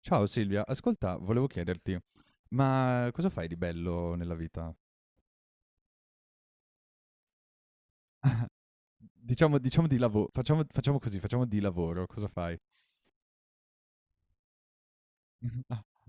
Ciao Silvia, ascolta, volevo chiederti, ma cosa fai di bello nella vita? Diciamo di lavoro, facciamo così, facciamo di lavoro, cosa fai?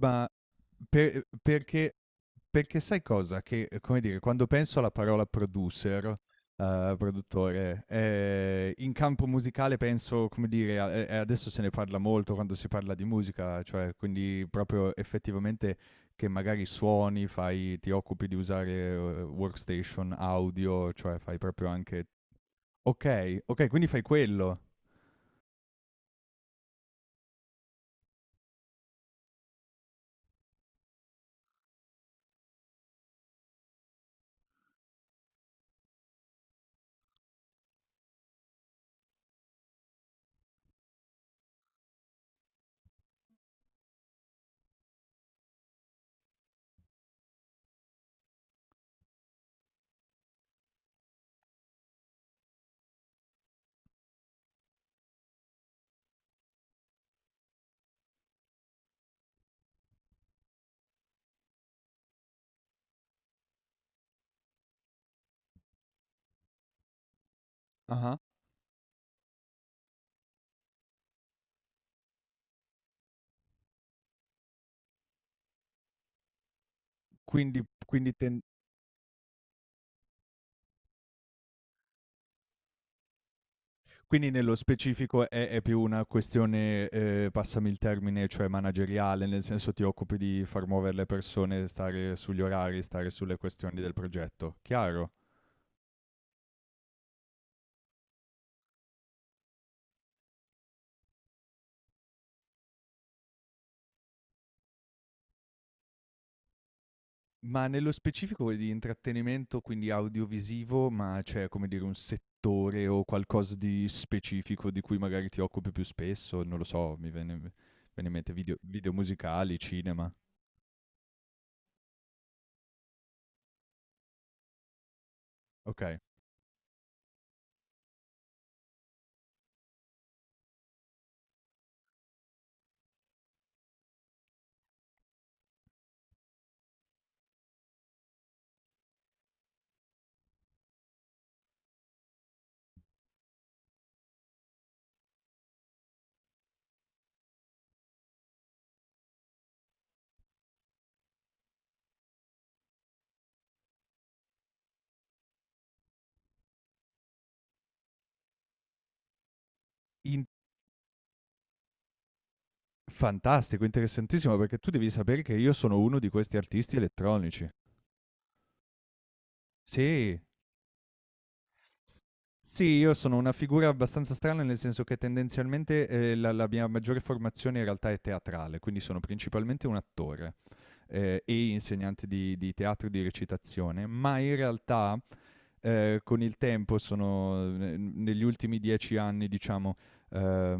Ma perché perché sai cosa? Come dire, quando penso alla parola producer, produttore, in campo musicale penso, come dire, a e adesso se ne parla molto quando si parla di musica, cioè quindi proprio effettivamente che magari suoni, fai ti occupi di usare, workstation, audio, cioè fai proprio anche okay, okay, quindi fai quello. Ah-ah. Quindi quindi ten Quindi nello specifico è più una questione, passami il termine, cioè manageriale, nel senso ti occupi di far muovere le persone, stare sugli orari, stare sulle questioni del progetto. Chiaro. Ma nello specifico di intrattenimento, quindi audiovisivo, ma c'è, come dire, un settore o qualcosa di specifico di cui magari ti occupi più spesso? Non lo so, mi viene in mente video musicali, cinema. Okay. In Fantastico, interessantissimo, perché tu devi sapere che io sono uno di questi artisti elettronici. Sì. S sì, io sono una figura abbastanza strana, nel senso che tendenzialmente, la mia maggiore formazione in realtà è teatrale, quindi sono principalmente un attore, e insegnante di teatro e di recitazione, ma in realtà con il tempo sono, negli ultimi 10 anni, diciamo, ehm,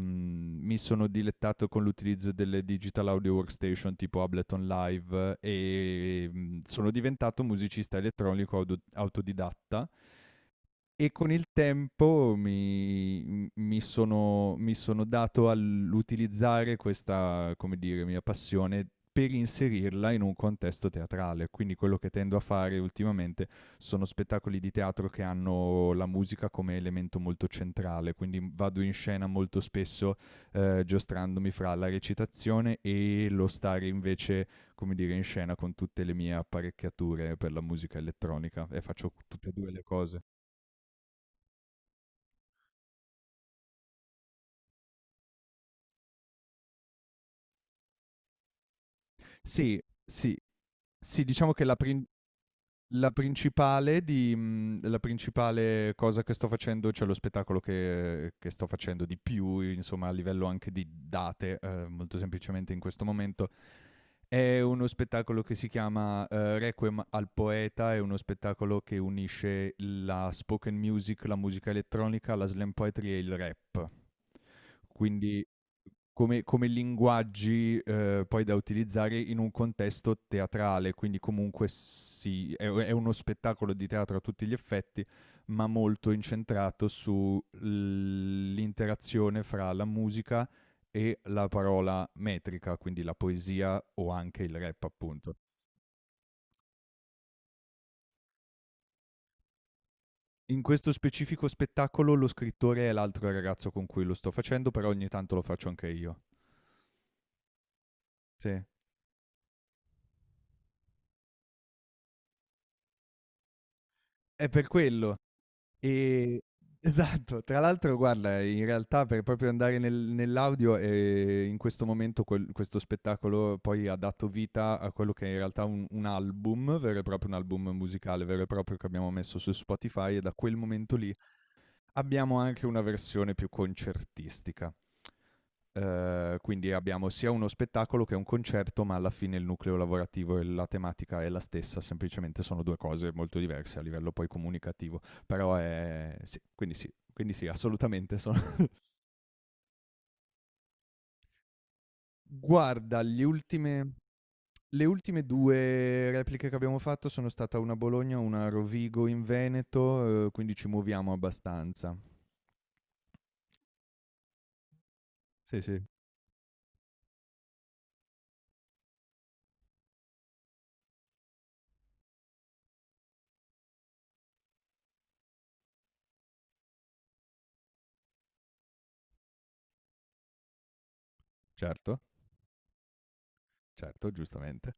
mi sono dilettato con l'utilizzo delle digital audio workstation tipo Ableton Live, sono diventato musicista elettronico autodidatta e con il tempo mi sono dato all'utilizzare questa, come dire, mia passione per inserirla in un contesto teatrale. Quindi quello che tendo a fare ultimamente sono spettacoli di teatro che hanno la musica come elemento molto centrale, quindi, vado in scena molto spesso, giostrandomi fra la recitazione e lo stare invece, come dire, in scena con tutte le mie apparecchiature per la musica elettronica e faccio tutte e 2 le cose. Sì, sì. Sì, diciamo che la principale di la principale cosa che sto facendo, cioè lo spettacolo che sto facendo di più, insomma, a livello anche di date, molto semplicemente in questo momento, è uno spettacolo che si chiama, Requiem al poeta, è uno spettacolo che unisce la spoken music, la musica elettronica, la slam poetry e il rap. Quindi come linguaggi, poi da utilizzare in un contesto teatrale, quindi comunque sì, è uno spettacolo di teatro a tutti gli effetti, ma molto incentrato su l'interazione fra la musica e la parola metrica, quindi la poesia o anche il rap appunto. In questo specifico spettacolo lo scrittore è l'altro ragazzo con cui lo sto facendo, però ogni tanto lo faccio anche io. Sì. È per quello. Ehm, esatto. Tra l'altro guarda, in realtà per proprio andare nell'audio, in questo momento quel questo spettacolo poi ha dato vita a quello che è in realtà un album vero e proprio, un album musicale vero e proprio che abbiamo messo su Spotify, e da quel momento lì abbiamo anche una versione più concertistica. Quindi abbiamo sia uno spettacolo che un concerto, ma alla fine il nucleo lavorativo e la tematica è la stessa, semplicemente sono due cose molto diverse a livello poi comunicativo. Però è sì, quindi sì, quindi sì, assolutamente sono. Guarda, le ultime due repliche che abbiamo fatto sono stata una a Bologna, una a Rovigo in Veneto, quindi ci muoviamo abbastanza. Sì, sì, certo, certo, giustamente.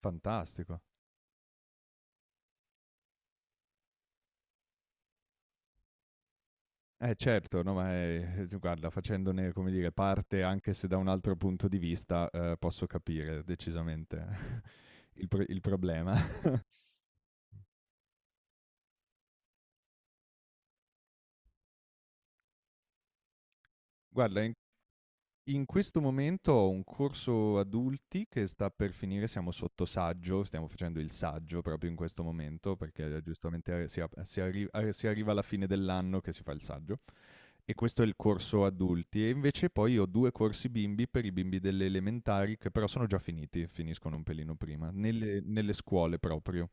Fantastico. Eh certo, no, ma è guarda facendone, come dire, parte anche se da un altro punto di vista, posso capire decisamente il problema. Guarda, in questo momento ho un corso adulti che sta per finire, siamo sotto saggio, stiamo facendo il saggio proprio in questo momento perché, giustamente, si arriva alla fine dell'anno che si fa il saggio. E questo è il corso adulti. E invece poi ho due corsi bimbi per i bimbi delle elementari, che però sono già finiti, finiscono un pelino prima, nelle scuole proprio.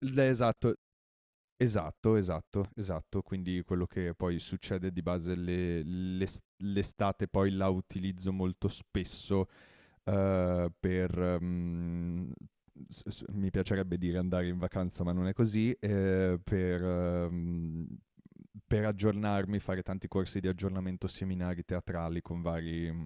L- esatto, esatto, esatto. Quindi quello che poi succede di base l'estate, poi la utilizzo molto spesso, per... mm, s- s- mi piacerebbe dire andare in vacanza, ma non è così, per aggiornarmi, fare tanti corsi di aggiornamento, seminari teatrali con vari, mm,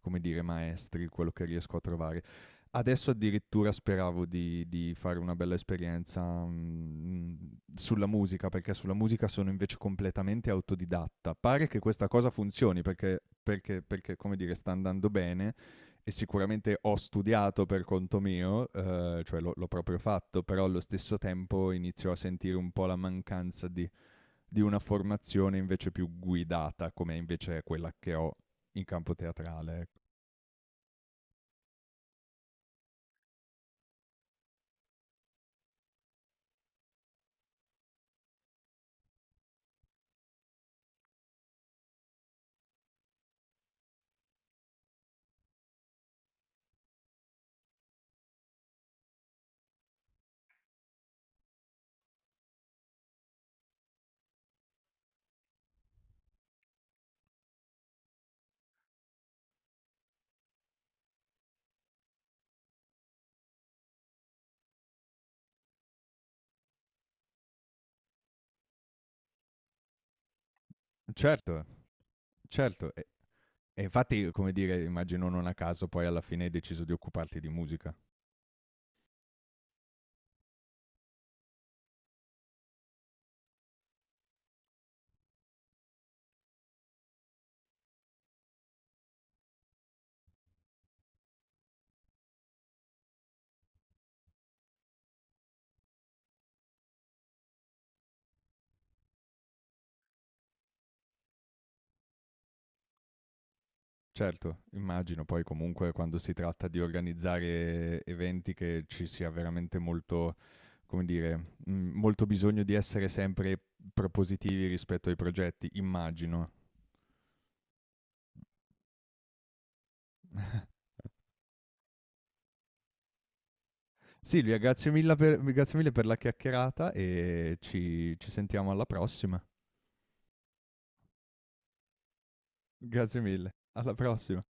come dire, maestri, quello che riesco a trovare. Adesso addirittura speravo di fare una bella esperienza, sulla musica, perché sulla musica sono invece completamente autodidatta. Pare che questa cosa funzioni perché, come dire, sta andando bene e sicuramente ho studiato per conto mio, cioè l'ho proprio fatto, però allo stesso tempo inizio a sentire un po' la mancanza di una formazione invece più guidata, come invece è quella che ho in campo teatrale. Ecco. Certo, certo. E infatti, come dire, immagino non a caso poi alla fine hai deciso di occuparti di musica. Certo, immagino poi comunque quando si tratta di organizzare eventi che ci sia veramente molto, come dire, molto bisogno di essere sempre propositivi rispetto ai progetti, immagino. Silvia, grazie mille per la chiacchierata e ci sentiamo alla prossima. Grazie mille. Alla prossima.